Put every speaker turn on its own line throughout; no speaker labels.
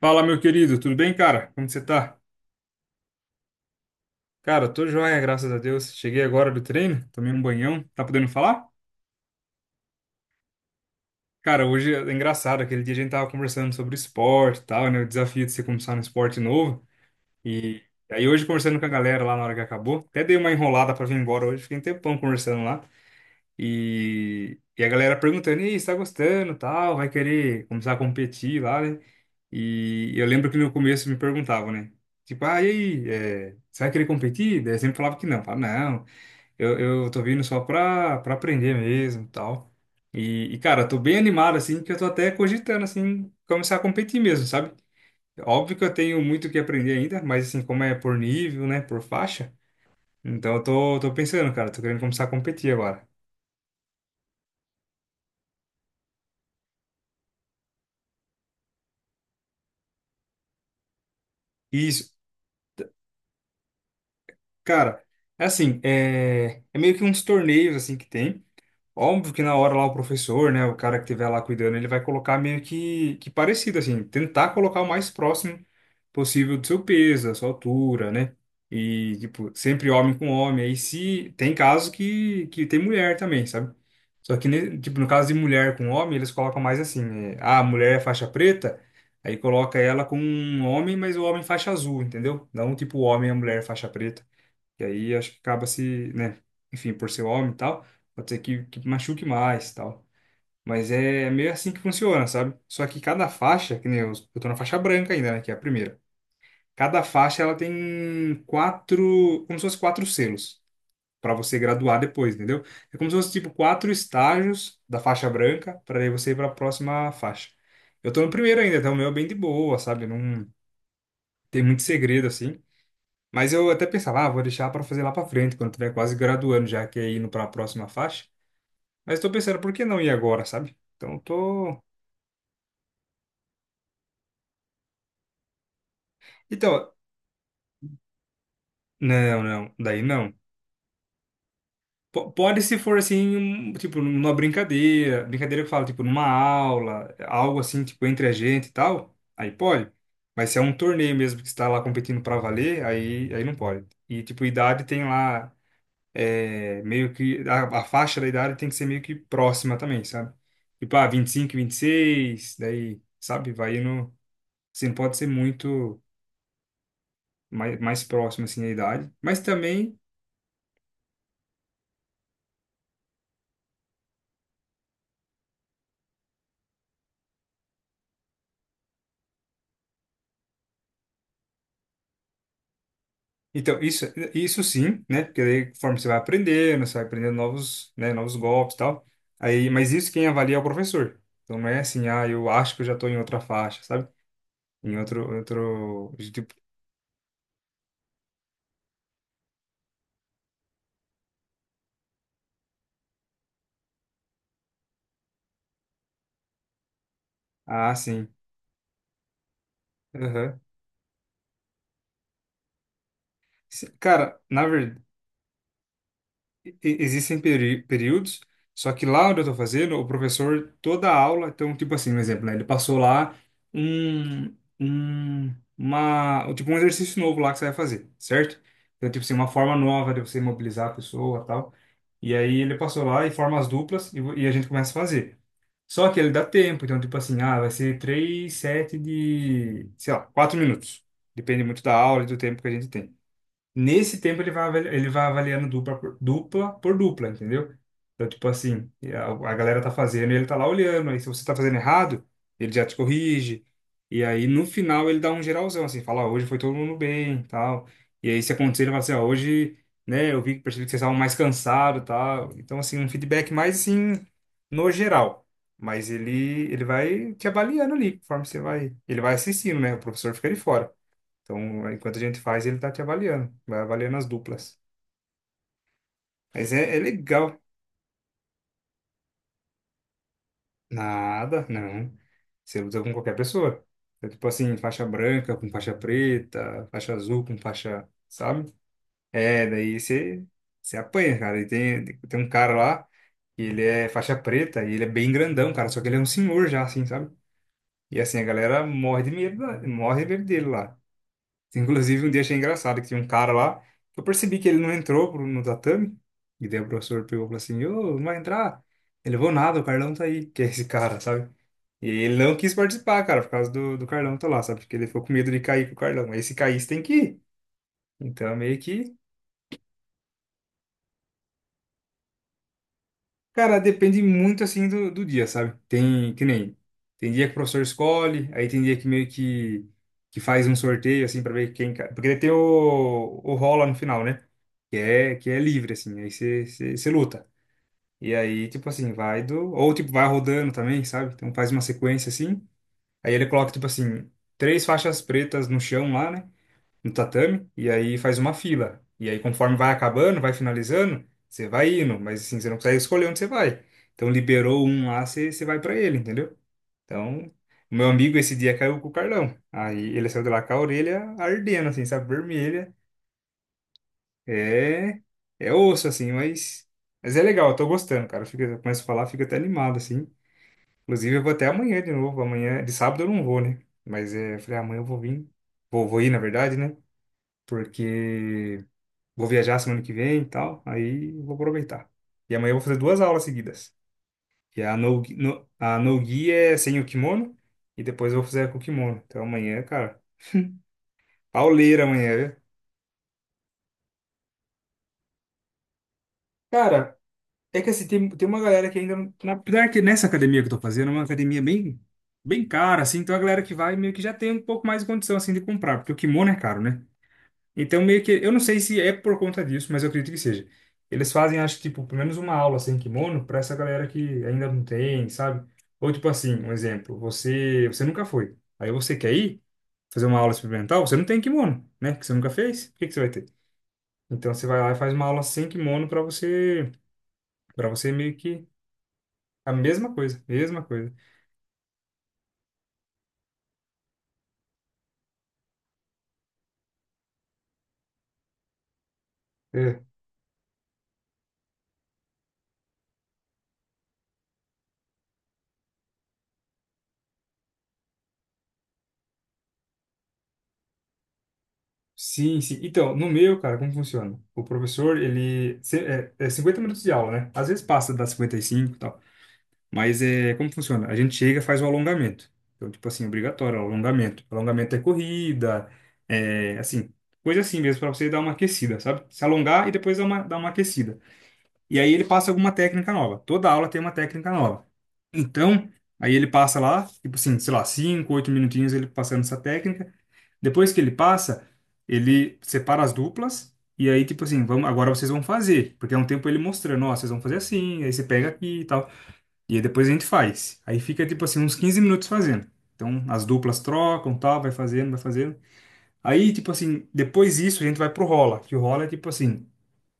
Fala, meu querido, tudo bem, cara? Como você tá? Cara, tô joia, graças a Deus. Cheguei agora do treino, tomei um banhão. Tá podendo falar? Cara, hoje é engraçado, aquele dia a gente tava conversando sobre esporte e tal, né? O desafio de você começar um esporte novo. E aí hoje conversando com a galera lá na hora que acabou, até dei uma enrolada pra vir embora hoje, fiquei um tempão conversando lá. E a galera perguntando, e você tá gostando, e tal, vai querer começar a competir lá, né? E eu lembro que no começo me perguntavam, né? Tipo, ah, e aí, é, você vai querer competir? Daí eu sempre falava que não. Falava, não, eu tô vindo só pra aprender mesmo e tal. Cara, eu tô bem animado, assim, que eu tô até cogitando, assim, começar a competir mesmo, sabe? Óbvio que eu tenho muito o que aprender ainda, mas, assim, como é por nível, né, por faixa, então eu tô pensando, cara, tô querendo começar a competir agora. Isso, cara, é assim, é meio que uns torneios, assim, que tem. Óbvio que na hora lá o professor, né, o cara que estiver lá cuidando, ele vai colocar meio que parecido, assim, tentar colocar o mais próximo possível do seu peso, da sua altura, né? E, tipo, sempre homem com homem. Aí se tem casos que tem mulher também, sabe? Só que, tipo, no caso de mulher com homem, eles colocam mais assim, é, ah, a mulher é faixa preta, aí coloca ela com um homem, mas o homem faixa azul, entendeu? Não tipo o homem e a mulher faixa preta. E aí acho que acaba se, né? Enfim, por ser homem e tal, pode ser que machuque mais e tal. Mas é meio assim que funciona, sabe? Só que cada faixa, que nem eu tô na faixa branca ainda, né? Que é a primeira. Cada faixa ela tem quatro, como se fosse quatro selos para você graduar depois, entendeu? É como se fosse tipo quatro estágios da faixa branca para aí você ir para a próxima faixa. Eu tô no primeiro ainda, então o meu é bem de boa, sabe? Não tem muito segredo assim. Mas eu até pensava, ah, vou deixar para fazer lá para frente, quando tiver quase graduando, já que é indo para a próxima faixa. Mas estou pensando, por que não ir agora, sabe? Então tô. Então, não, não, daí não. Pode se for assim, tipo, numa brincadeira, brincadeira que eu falo, tipo, numa aula, algo assim, tipo, entre a gente e tal, aí pode. Mas se é um torneio mesmo que está lá competindo para valer, aí não pode. E, tipo, idade tem lá. É, meio que a faixa da idade tem que ser meio que próxima também, sabe? Tipo, ah, 25, 26, daí, sabe? Vai indo. Assim, não pode ser muito mais próximo, assim, a idade. Mas também. Então, isso sim, né? Porque daí, conforme você vai aprendendo novos, né, novos golpes e tal. Aí, mas isso quem avalia é o professor. Então, não é assim, ah, eu acho que eu já tô em outra faixa, sabe? Em tipo, ah, sim. Aham. Cara, na e- existem períodos, só que lá onde eu tô fazendo, o professor, toda a aula, então, tipo assim, um exemplo, né? Ele passou lá uma, tipo um exercício novo lá que você vai fazer, certo? Então, tipo assim, uma forma nova de você mobilizar a pessoa e tal. E aí ele passou lá e forma as duplas e, e a gente começa a fazer. Só que ele dá tempo, então, tipo assim, ah, vai ser três, sete de, sei lá, 4 minutos. Depende muito da aula e do tempo que a gente tem. Nesse tempo ele vai avaliando dupla por dupla, entendeu? Então, tipo assim, a galera tá fazendo e ele tá lá olhando. Aí se você tá fazendo errado, ele já te corrige. E aí no final ele dá um geralzão, assim, fala, ó, hoje foi todo mundo bem, tal. E aí se acontecer, ele fala assim, ó, hoje, né, eu vi, que percebi que vocês estavam mais cansados, tal. Então, assim, um feedback mais, assim, no geral. Mas ele vai te avaliando ali, conforme você vai... Ele vai assistindo, né? O professor fica ali fora. Então, enquanto a gente faz, ele tá te avaliando, vai avaliando as duplas. Mas é legal. Nada, não. Você luta com qualquer pessoa. É tipo assim, faixa branca com faixa preta, faixa azul com faixa, sabe? É, daí você apanha, cara. E tem um cara lá, que ele é faixa preta, e ele é bem grandão, cara, só que ele é um senhor já, assim, sabe? E assim, a galera morre de medo, morre de medo dele lá. Inclusive, um dia achei engraçado que tinha um cara lá, que eu percebi que ele não entrou no tatame, e daí o professor pegou e falou assim, ô, não vai entrar? Ele, levou nada, o Carlão tá aí, que é esse cara, sabe? E ele não quis participar, cara, por causa do Carlão tá lá, sabe? Porque ele ficou com medo de cair com o Carlão. Aí se caísse, tem que ir. Então, é meio que, cara, depende muito, assim, do dia, sabe? Tem, que nem, tem dia que o professor escolhe, aí tem dia que meio que faz um sorteio, assim, pra ver quem... Porque ele tem o rola no final, né? que é livre, assim, aí você luta. E aí, tipo assim, vai do. Ou tipo, vai rodando também, sabe? Então faz uma sequência assim. Aí ele coloca, tipo assim, 3 faixas pretas no chão lá, né? No tatame. E aí faz uma fila. E aí, conforme vai acabando, vai finalizando, você vai indo. Mas assim, você não consegue escolher onde você vai. Então liberou um lá, você vai pra ele, entendeu? Então, o meu amigo esse dia caiu com o Carlão. Aí ele saiu de lá com a orelha ardendo, assim, sabe? Vermelha. É, é osso, assim, mas é legal, eu tô gostando, cara. Fica, eu começo a falar, fico até animado, assim. Inclusive, eu vou até amanhã de novo. Amanhã, de sábado eu não vou, né? Mas é, eu falei, amanhã eu vou vir. Vou ir, na verdade, né? Porque vou viajar semana que vem e tal. Aí eu vou aproveitar. E amanhã eu vou fazer duas aulas seguidas. E a no, no, a no-gi é sem o kimono. E depois eu vou fazer com o kimono. Então amanhã, cara, pauleira amanhã, viu? Cara, é que assim, tem uma galera que ainda não. Apesar que nessa academia que eu tô fazendo, é uma academia bem, bem cara, assim, então a galera que vai meio que já tem um pouco mais de condição, assim, de comprar, porque o kimono é caro, né? Então meio que. Eu não sei se é por conta disso, mas eu acredito que seja. Eles fazem, acho, tipo, pelo menos uma aula sem kimono pra essa galera que ainda não tem, sabe? Ou tipo assim, um exemplo, você nunca foi. Aí você quer ir fazer uma aula experimental, você não tem kimono, né? Que você nunca fez, o que que você vai ter? Então você vai lá e faz uma aula sem kimono pra você, para você meio que a mesma coisa, mesma coisa. É, sim, sim. Então, no meu, cara, como funciona? O professor, ele... é, é 50 minutos de aula, né? Às vezes passa das 55 e cinco e tal. Mas é, como funciona? A gente chega e faz o alongamento. Então, tipo assim, obrigatório, alongamento. Alongamento é corrida, é, assim, coisa assim mesmo, pra você dar uma aquecida, sabe? Se alongar e depois dar uma aquecida. E aí ele passa alguma técnica nova. Toda aula tem uma técnica nova. Então, aí ele passa lá, tipo assim, sei lá, 5, 8 minutinhos ele passando essa técnica. Depois que ele passa, ele separa as duplas e aí, tipo assim, vamos, agora vocês vão fazer. Porque é um tempo ele mostrando, ó, vocês vão fazer assim, aí você pega aqui e tal. E aí depois a gente faz. Aí fica, tipo assim, uns 15 minutos fazendo. Então, as duplas trocam, tal, vai fazendo, vai fazendo. Aí, tipo assim, depois disso a gente vai pro rola, que o rola é tipo assim,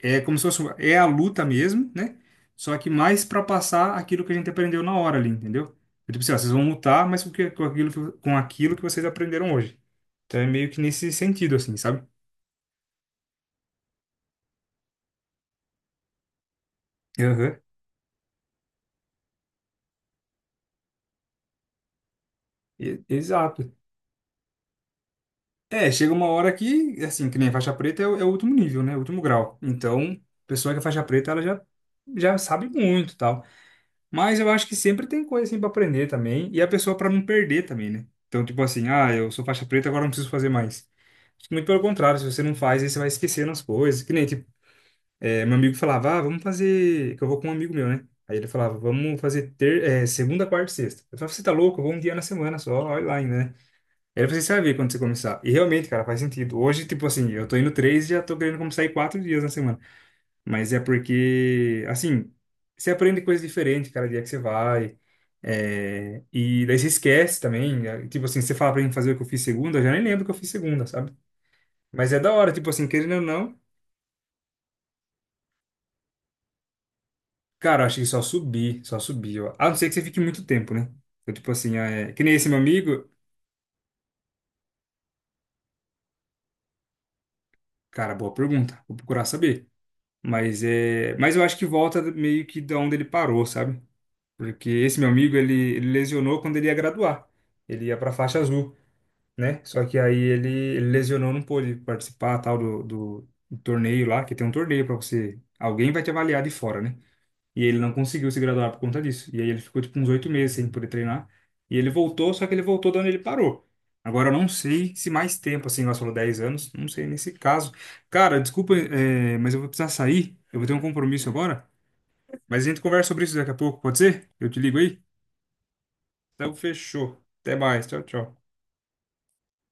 é como se fosse, é a luta mesmo, né? Só que mais para passar aquilo que a gente aprendeu na hora ali, entendeu? Então, tipo assim, ó, vocês vão lutar, mas com aquilo que vocês aprenderam hoje. Então é meio que nesse sentido, assim, sabe? Aham. Exato. É, chega uma hora que, assim, que nem faixa preta é o último nível, né? O último grau. Então, a pessoa que é faixa preta, ela já sabe muito e tal. Mas eu acho que sempre tem coisa, assim, pra aprender também. E a pessoa pra não perder também, né? Então, tipo assim, ah, eu sou faixa preta, agora eu não preciso fazer mais. Acho que muito pelo contrário, se você não faz, aí você vai esquecendo as coisas. Que nem, tipo, é, meu amigo falava, ah, vamos fazer. Que eu vou com um amigo meu, né? Aí ele falava, vamos fazer ter... é, segunda, quarta e sexta. Eu falava, você tá louco? Eu vou um dia na semana só, olha lá ainda, né? Aí ele falou, assim, você vai ver quando você começar. E realmente, cara, faz sentido. Hoje, tipo assim, eu tô indo três e já tô querendo começar a ir 4 dias na semana. Mas é porque, assim, você aprende coisa diferente cada dia que você vai. É, e daí você esquece também. Tipo assim, você fala pra mim fazer o que eu fiz segunda, eu já nem lembro o que eu fiz segunda, sabe? Mas é da hora, tipo assim, querendo ou não, cara, eu acho que só subir, ó. A não ser que você fique muito tempo, né? Então, tipo assim, é... que nem esse meu amigo, cara, boa pergunta, vou procurar saber. Mas eu acho que volta meio que da onde ele parou, sabe? Porque esse meu amigo, ele lesionou quando ele ia graduar. Ele ia pra faixa azul, né? Só que aí ele lesionou, não pôde participar, tal, do torneio lá, que tem um torneio pra você, alguém vai te avaliar de fora, né? E ele não conseguiu se graduar por conta disso. E aí ele ficou tipo uns 8 meses sem poder treinar. E ele voltou, só que ele voltou de onde ele parou. Agora eu não sei se mais tempo, assim, nós falou 10 anos, não sei nesse caso. Cara, desculpa, é, mas eu vou precisar sair. Eu vou ter um compromisso agora. Mas a gente conversa sobre isso daqui a pouco, pode ser? Eu te ligo aí? Então fechou. Até mais. Tchau, tchau.